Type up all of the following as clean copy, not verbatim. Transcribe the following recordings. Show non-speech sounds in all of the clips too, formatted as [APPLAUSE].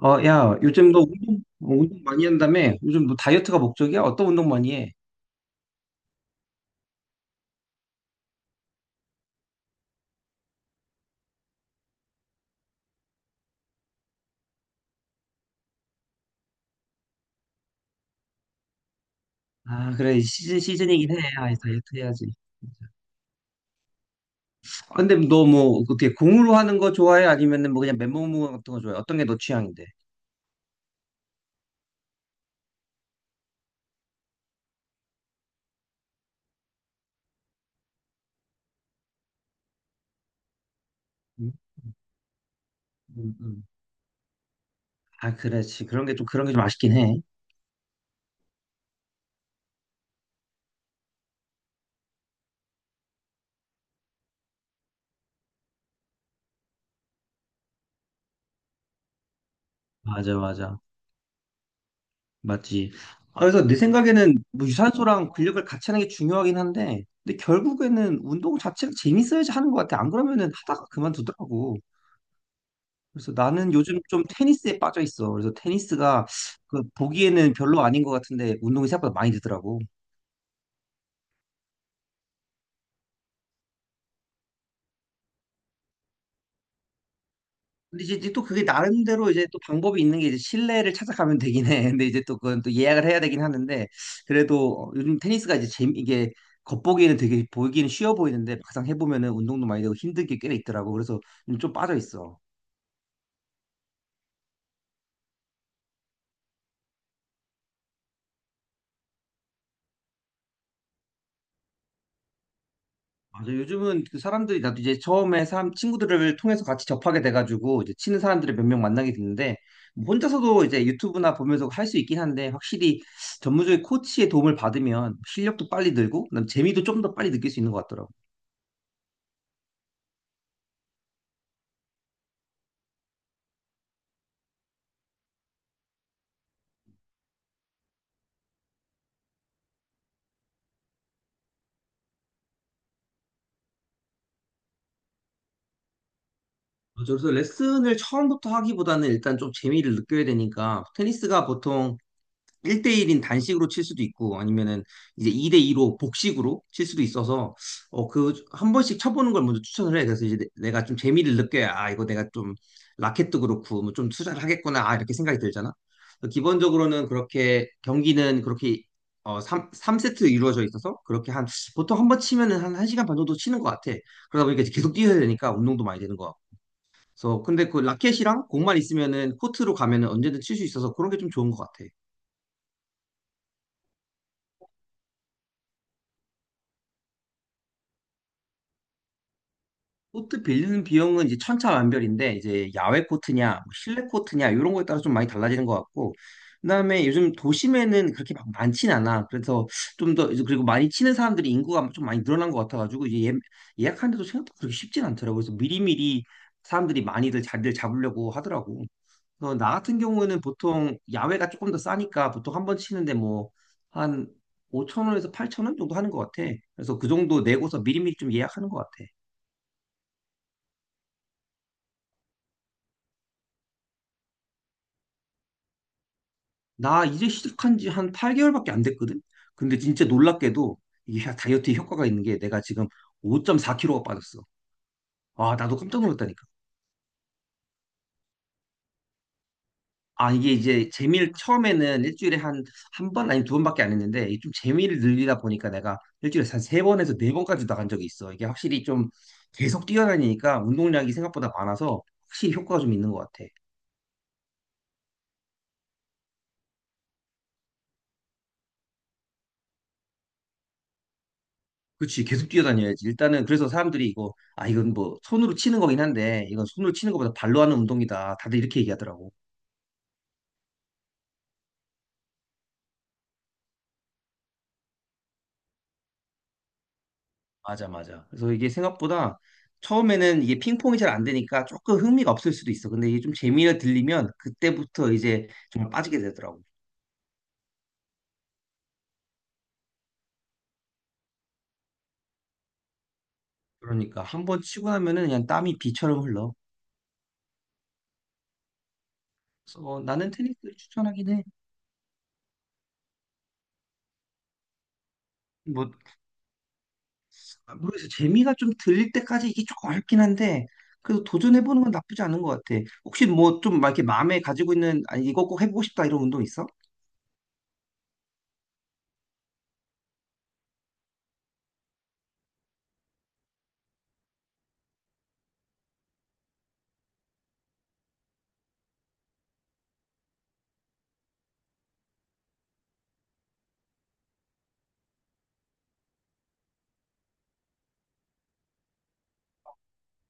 어, 야, 요즘 너 운동, 운동 많이 한다며? 요즘 너 다이어트가 목적이야? 어떤 운동 많이 해? 아, 그래. 시즌이긴 해. 아, 다이어트 해야지. 아, 근데 너 뭐, 어떻게 공으로 하는 거 좋아해? 아니면은 뭐 그냥 맨몸 같은 거 좋아해? 어떤 게 너 취향인데? 음, 음, 음. 아, 그렇지. 그런 게 좀, 그런 게 좀 아쉽긴 해. 맞아, 맞아. 맞지. 아, 그래서 내 생각에는 뭐 유산소랑 근력을 같이 하는 게 중요하긴 한데, 근데 결국에는 운동 자체가 재밌어야지 하는 것 같아. 안 그러면은 하다가 그만두더라고. 그래서 나는 요즘 좀 테니스에 빠져 있어. 그래서 테니스가 그 보기에는 별로 아닌 것 같은데 운동이 생각보다 많이 되더라고. 근데 이제 또 그게 나름대로 이제 또 방법이 있는 게 이제 실내를 찾아가면 되긴 해. [LAUGHS] 근데 이제 또 그건 또 예약을 해야 되긴 하는데 그래도 요즘 테니스가 이제 재미 이게 겉보기에는 되게 보기에는 쉬워 보이는데 막상 해보면은 운동도 많이 되고 힘든 게 꽤 있더라고. 그래서 요즘 좀 빠져 있어. 맞아. 요즘은 그 사람들이 나도 이제 처음에 사람 친구들을 통해서 같이 접하게 돼가지고 이제 치는 사람들을 몇 명 만나게 됐는데 뭐 혼자서도 이제 유튜브나 보면서 할 수 있긴 한데 확실히 전문적인 코치의 도움을 받으면 실력도 빨리 늘고 그다음 재미도 좀 더 빨리 느낄 수 있는 것 같더라고. 맞아. 그래서 레슨을 처음부터 하기보다는 일단 좀 재미를 느껴야 되니까 테니스가 보통 1대1인 단식으로 칠 수도 있고 아니면은 이제 2대2로 복식으로 칠 수도 있어서 어 그 한 번씩 쳐보는 걸 먼저 추천을 해. 그래서 이제 내가 좀 재미를 느껴야 아 이거 내가 좀 라켓도 그렇고 뭐 좀 투자를 하겠구나 아 이렇게 생각이 들잖아. 그래서 기본적으로는 그렇게 경기는 그렇게 삼세트 이루어져 있어서 그렇게 한 보통 한 번 치면은 한 1시간 반 정도 치는 것 같아. 그러다 보니까 이제 계속 뛰어야 되니까 운동도 많이 되는 것 같고. 그래서 근데 그 라켓이랑 공만 있으면은 코트로 가면은 언제든 칠 수 있어서 그런 게 좀 좋은 것 같아. 코트 빌리는 비용은 이제 천차만별인데 이제 야외 코트냐 뭐 실내 코트냐 이런 거에 따라 좀 많이 달라지는 것 같고 그다음에 요즘 도심에는 그렇게 막 많진 않아. 그래서 좀 더, 그리고 많이 치는 사람들이 인구가 좀 많이 늘어난 것 같아가지고 이제 예, 약하는데도 생각보다 그렇게 쉽진 않더라고. 그래서 미리미리 사람들이 많이들 자리를 잡으려고 하더라고. 그래서 나 같은 경우에는 보통 야외가 조금 더 싸니까 보통 한 번 치는데 뭐한 5천 원에서 8천 원 정도 하는 것 같아. 그래서 그 정도 내고서 미리미리 좀 예약하는 것 같아. 나 이제 시작한 지 한 8개월밖에 안 됐거든? 근데 진짜 놀랍게도 이 다이어트에 효과가 있는 게 내가 지금 5.4kg가 빠졌어. 아, 나도 깜짝 놀랐다니까. 아, 이게 이제 재미를 처음에는 일주일에 한 번, 아니 두 번밖에 안 했는데 이좀 재미를 늘리다 보니까 내가 일주일에 한 세 번에서 네 번까지 나간 적이 있어. 이게 확실히 좀 계속 뛰어다니니까 운동량이 생각보다 많아서 확실히 효과가 좀 있는 것 같아. 그치, 계속 뛰어다녀야지. 일단은 그래서 사람들이 이거, 아, 이건 뭐 손으로 치는 거긴 한데, 이건 손으로 치는 것보다 발로 하는 운동이다. 다들 이렇게 얘기하더라고. 맞아, 맞아. 그래서 이게 생각보다 처음에는 이게 핑퐁이 잘 안 되니까 조금 흥미가 없을 수도 있어. 근데 이게 좀 재미가 들리면 그때부터 이제 정말 빠지게 되더라고. 그러니까 한번 치고 나면은 그냥 땀이 비처럼 흘러. 그래서 나는 테니스 를 추천하긴 해. 뭐 아, 모르겠어요. 재미가 좀 들릴 때까지 이게 조금 어렵긴 한데, 그래도 도전해보는 건 나쁘지 않은 것 같아. 혹시 뭐 좀 막 이렇게 마음에 가지고 있는, 아니, 이거 꼭 해보고 싶다 이런 운동 있어?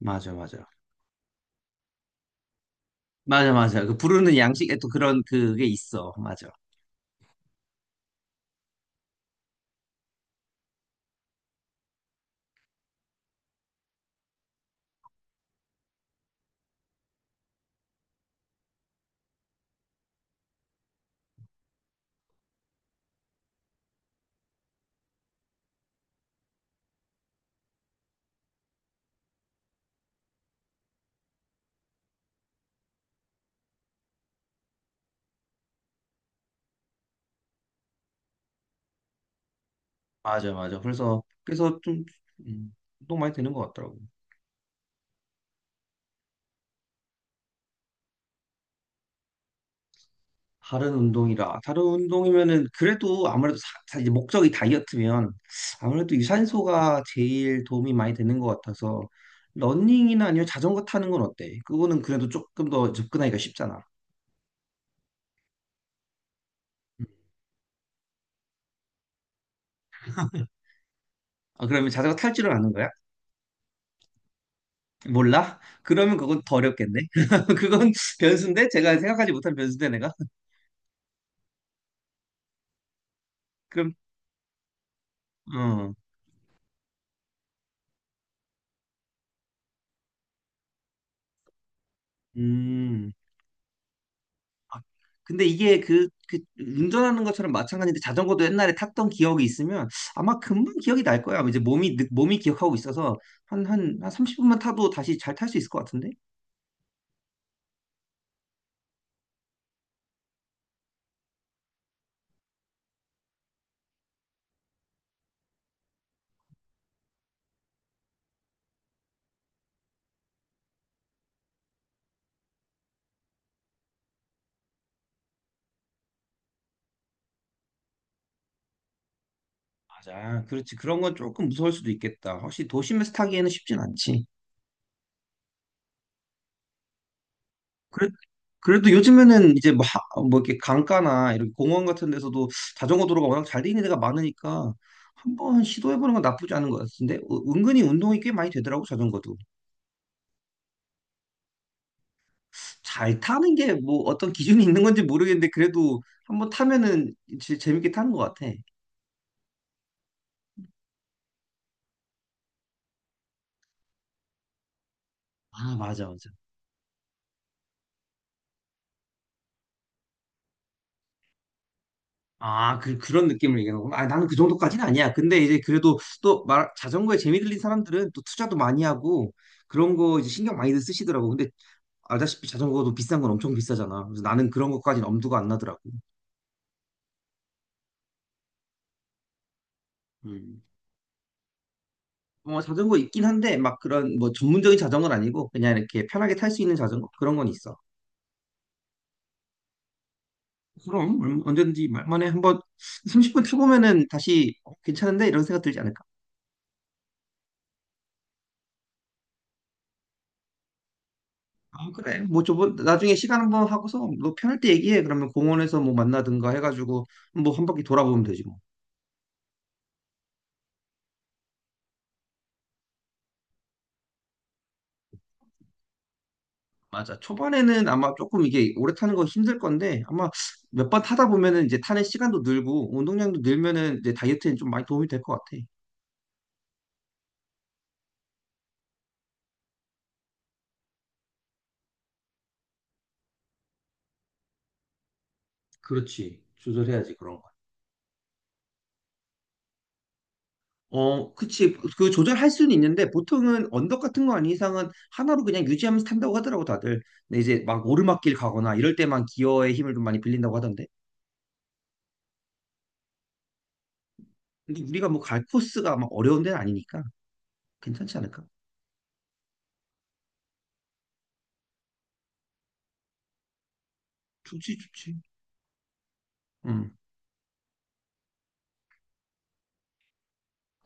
맞아, 맞아. 맞아, 맞아. 그 부르는 양식에 또 그런 그게 있어. 맞아. 맞아, 맞아. 그래서 좀, 음, 운동 많이 되는 것 같더라고. 다른 운동이라 다른 운동이면은 그래도 아무래도 이제 목적이 다이어트면 아무래도 유산소가 제일 도움이 많이 되는 것 같아서 러닝이나 아니면 자전거 타는 건 어때? 그거는 그래도 조금 더 접근하기가 쉽잖아. 아, 그러면 자전거 탈 줄은 아는 거야? 몰라? 그러면 그건 더 어렵겠네. [LAUGHS] 그건 변수인데 제가 생각하지 못한 변수인데 내가 그럼 어 음. 아, 근데 이게 그 운전하는 것처럼 마찬가지인데 자전거도 옛날에 탔던 기억이 있으면 아마 금방 기억이 날 거야. 이제 몸이 몸이 기억하고 있어서 한 30분만 타도 다시 잘 탈 수 있을 것 같은데? 맞아. 그렇지. 그런 건 조금 무서울 수도 있겠다. 확실히 도심에서 타기에는 쉽진 않지. 그래, 그래도 요즘에는 이제 뭐, 뭐 이렇게 강가나 이렇게 공원 같은 데서도 자전거 도로가 워낙 잘 돼 있는 데가 많으니까 한번 시도해보는 건 나쁘지 않은 것 같은데 어, 은근히 운동이 꽤 많이 되더라고 자전거도. 잘 타는 게 뭐 어떤 기준이 있는 건지 모르겠는데 그래도 한번 타면은 진짜 재밌게 타는 것 같아. 아, 맞아, 맞아. 아, 그런 느낌을 얘기하는 구나 아, 나는 그 정도까지는 아니야. 근데 이제 그래도 또 말, 자전거에 재미 들린 사람들은 또 투자도 많이 하고 그런 거 이제 신경 많이들 쓰시더라고. 근데 알다시피 자전거도 비싼 건 엄청 비싸잖아. 그래서 나는 그런 것까지는 엄두가 안 나더라고. 음. 뭐 자전거 있긴 한데 막 그런 뭐 전문적인 자전거는 아니고 그냥 이렇게 편하게 탈 수 있는 자전거 그런 건 있어. 그럼 언제든지 말만에 한번 30분 펴보면은 다시 어, 괜찮은데 이런 생각 들지 않을까? 아 그래 뭐 저번 나중에 시간 한번 하고서 너 편할 때 얘기해. 그러면 공원에서 뭐 만나든가 해가지고 뭐 한 바퀴 돌아보면 되지 뭐. 맞아. 초반에는 아마 조금 이게 오래 타는 거 힘들 건데 아마 몇 번 타다 보면은 이제 타는 시간도 늘고 운동량도 늘면은 이제 다이어트에 좀 많이 도움이 될 것 같아. 그렇지, 조절해야지. 그럼 어, 그치. 그 조절할 수는 있는데 보통은 언덕 같은 거 아닌 이상은 하나로 그냥 유지하면서 탄다고 하더라고 다들. 근데 이제 막 오르막길 가거나 이럴 때만 기어의 힘을 좀 많이 빌린다고 하던데. 근데 우리가 뭐 갈 코스가 막 어려운 데는 아니니까 괜찮지 않을까? 좋지, 좋지. 음.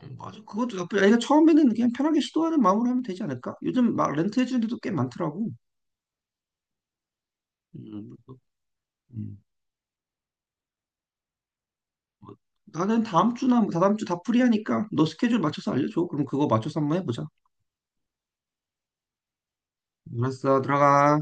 응, 맞아. 그것도 나쁘지. 아니, 그 처음에는 그냥 편하게 시도하는 마음으로 하면 되지 않을까? 요즘 막 렌트 해주는 데도 꽤 많더라고. 뭐, 음. 뭐, 나는 다음 주나 뭐 다다음 주 다 프리하니까 너 스케줄 맞춰서 알려줘. 그럼 그거 맞춰서 한번 해보자. 알았어, 들어가.